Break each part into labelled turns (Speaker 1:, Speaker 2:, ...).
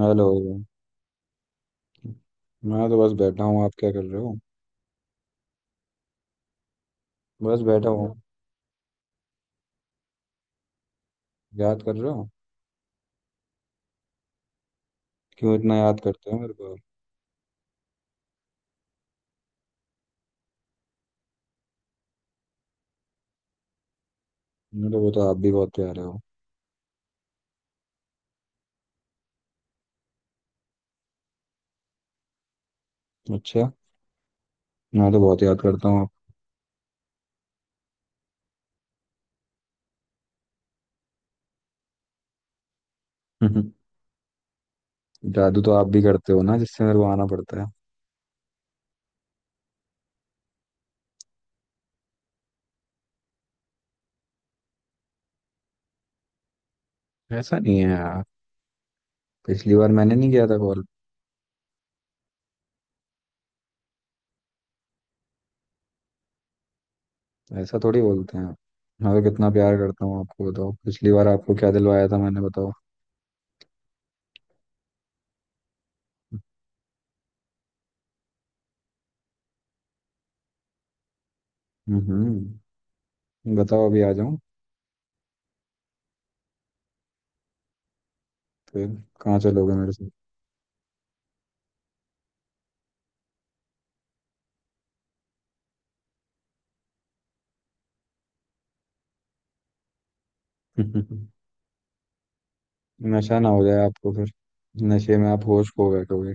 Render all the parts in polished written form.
Speaker 1: Hello. मैं तो बस बैठा हूँ, आप क्या कर रहे हो? बस बैठा हूँ। याद कर रहे हो? क्यों इतना याद करते हो मेरे को? मैं तो वो तो आप भी बहुत प्यारे हो। अच्छा। मैं तो बहुत याद करता हूँ आप। जादू तो आप भी करते हो ना, जिससे मेरे को आना पड़ता है। ऐसा नहीं है यार। पिछली बार मैंने नहीं किया था कॉल। ऐसा थोड़ी बोलते हैं। मैं तो कितना प्यार करता हूँ आपको। बताओ पिछली बार आपको क्या दिलवाया था मैंने, बताओ। हम्म बताओ, अभी आ जाऊँ? फिर कहाँ चलोगे मेरे से? नशा ना हो जाए आपको फिर। नशे में आप होश खो बैठोगे।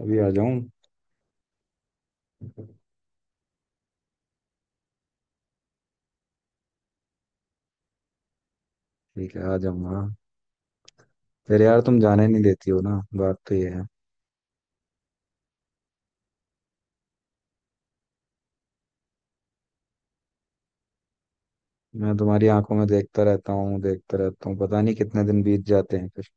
Speaker 1: अभी आ जाऊं? ठीक है, आ जाऊंगा। फिर यार तुम जाने नहीं देती हो ना। बात तो ये है। मैं तुम्हारी आंखों में देखता रहता हूँ, देखता रहता हूँ, पता नहीं कितने दिन बीत जाते हैं फिर।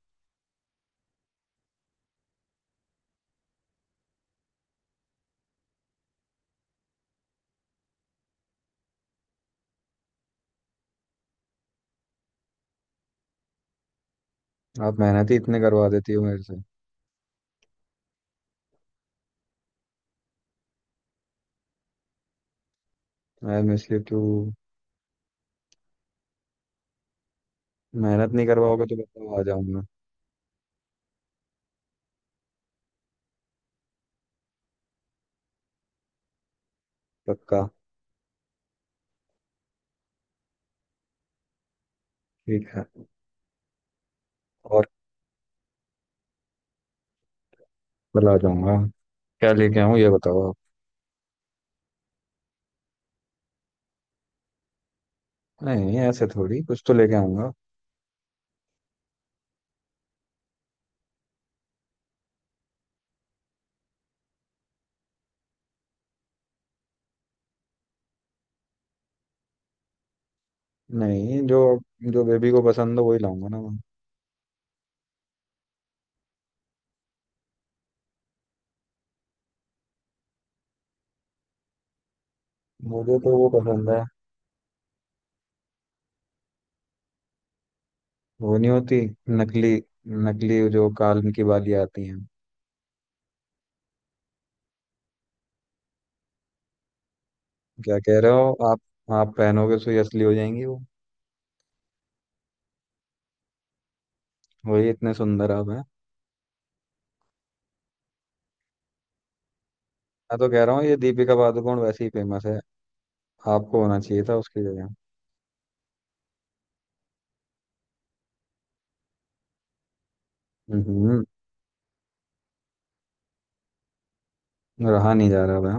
Speaker 1: आप मेहनत ही इतने करवा देती हो मेरे से। I miss you too. मेहनत नहीं करवाओगे तो बताओ, आ जाऊंगा। पक्का। ठीक है। और कल आ जाऊंगा। क्या लेके आऊँ ये बताओ आप। नहीं, ऐसे थोड़ी, कुछ तो लेके आऊंगा। नहीं, जो जो बेबी को पसंद हो वही लाऊंगा ना मैं। मुझे तो वो पसंद है। वो नहीं होती, नकली। नकली जो कान की बालियां आती हैं। क्या कह रहे हो आप? आप पहनोगे तो ये असली हो जाएंगी वो। वही, इतने सुंदर आप हैं। मैं तो कह रहा हूँ, ये दीपिका पादुकोण वैसे ही फेमस है। आपको होना चाहिए था उसकी जगह। हम्म। रहा नहीं जा रहा मैं।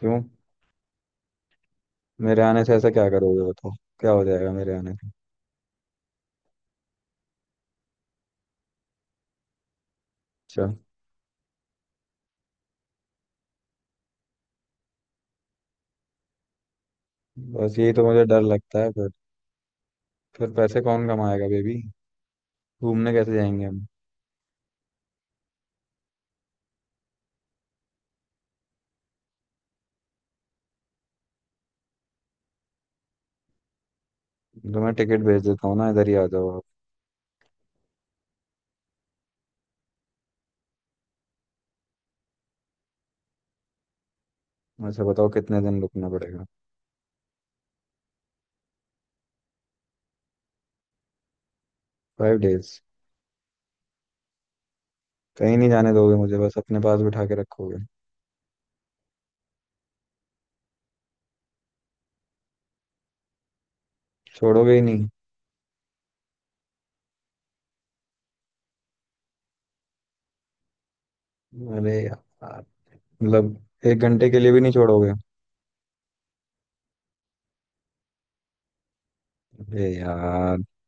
Speaker 1: क्यों? मेरे आने से ऐसा क्या करोगे बताओ? क्या हो जाएगा मेरे आने से? अच्छा। बस यही तो मुझे डर लगता है फिर। फिर पैसे कौन कमाएगा बेबी? घूमने कैसे जाएंगे हम? तो मैं टिकट भेज देता हूँ ना, इधर ही आ जाओ आप। वैसे बताओ कितने दिन रुकना पड़ेगा? 5 days? कहीं नहीं जाने दोगे मुझे, बस अपने पास बिठा के रखोगे? छोड़ोगे ही नहीं? अरे यार, मतलब 1 घंटे के लिए भी नहीं छोड़ोगे? अरे यार,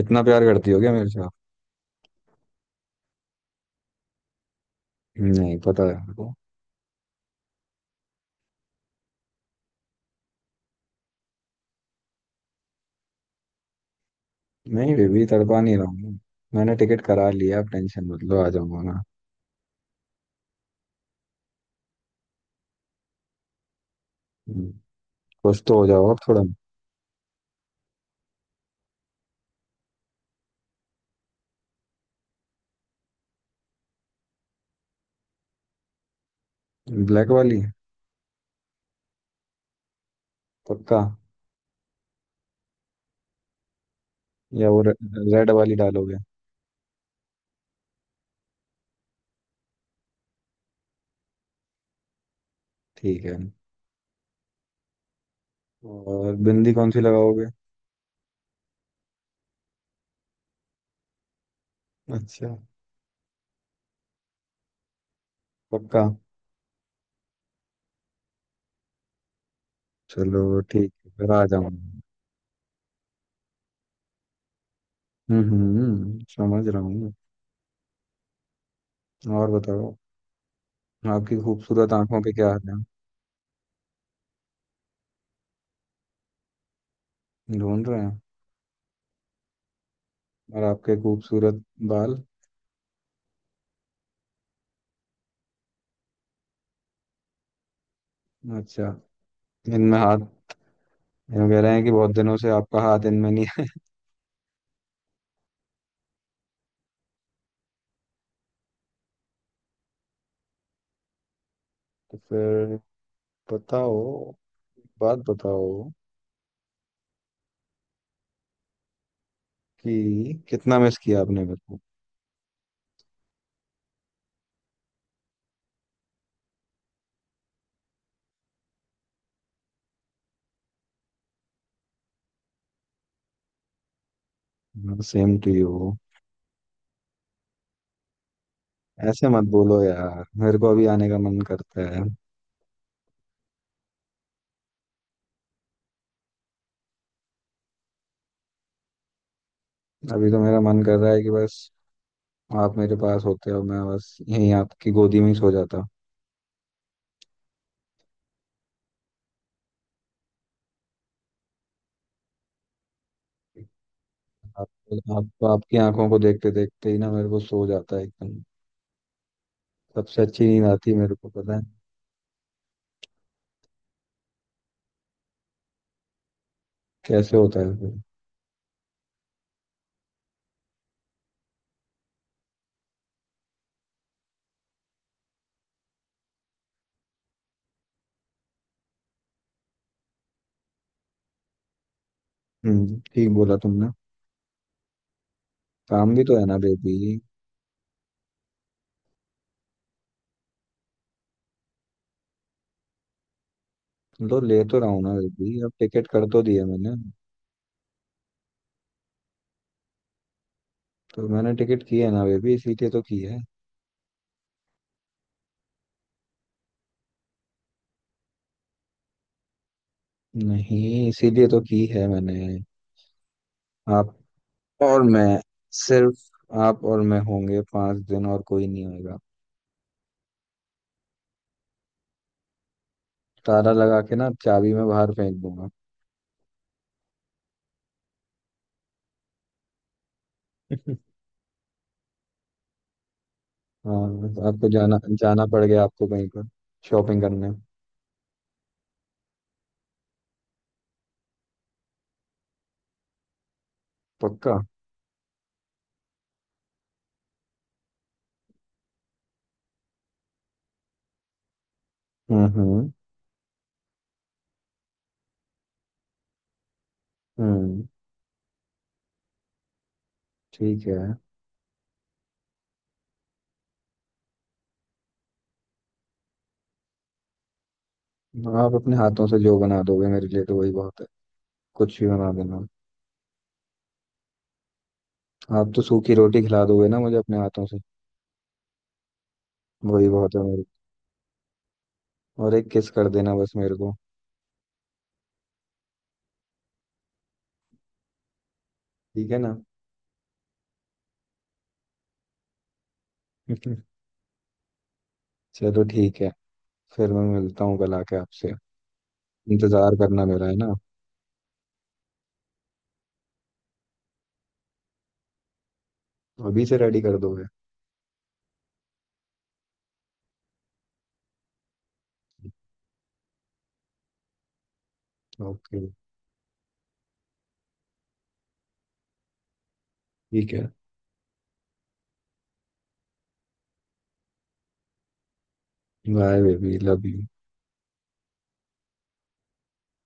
Speaker 1: इतना प्यार करती हो क्या मेरे से आप? नहीं पता है आपको? नहीं बेबी, तड़पा नहीं रहा हूँ। मैंने टिकट करा लिया, आप टेंशन मत लो, आ जाऊंगा ना। हम्म, कुछ तो हो जाओ आप थोड़ा। ब्लैक वाली? पक्का? या वो रेड वाली डालोगे? ठीक है। और बिंदी कौन सी लगाओगे? अच्छा। पक्का। चलो ठीक है, फिर आ जाऊंगा। हम्म, समझ रहा हूँ। और बताओ, आपकी खूबसूरत आंखों पे क्या हाल है? ढूंढ रहे हैं? और आपके खूबसूरत बाल? अच्छा। इनमें हाथ, ये कह रहे हैं कि बहुत दिनों से आपका हाथ इनमें नहीं है। तो फिर बताओ, बात बताओ कि कितना मिस किया आपने मेरे को? Same to you. ऐसे मत बोलो यार, मेरे को अभी आने का मन करता है। अभी तो मेरा मन कर रहा है कि बस आप मेरे पास होते हो, मैं बस यहीं आपकी गोदी में ही सो जाता। आप, आप आपकी आंखों को देखते देखते ही ना मेरे को सो जाता है एकदम। सबसे अच्छी नींद आती है मेरे को, पता है? कैसे होता है फिर? ठीक बोला तुमने। काम भी तो है ना बेबी। तो ले तो रहा हूँ ना बेबी, अब टिकट कर तो दिया मैंने। तो मैंने टिकट की है ना बेबी, इसीलिए तो की है। नहीं, इसीलिए तो की है मैंने। आप और मैं, सिर्फ आप और मैं होंगे 5 दिन, और कोई नहीं होगा। ताला लगा के ना चाबी में बाहर फेंक दूंगा। हाँ, तो आपको जाना जाना पड़ गया आपको कहीं पर, शॉपिंग करने? पक्का। हम्म, हम्म, हम्म, ठीक है। आप अपने हाथों से जो बना दोगे मेरे लिए, तो वही बहुत है। कुछ भी बना देना। आप तो सूखी रोटी खिला दोगे ना मुझे अपने हाथों से, वही बहुत है मेरे लिए। और एक किस कर देना बस मेरे को। ठीक है ना? चलो ठीक है। फिर मैं मिलता हूँ कल आके आपसे। इंतजार करना मेरा, है ना? अभी से रेडी कर दोगे? ओके, ठीक है। Bye baby, love you.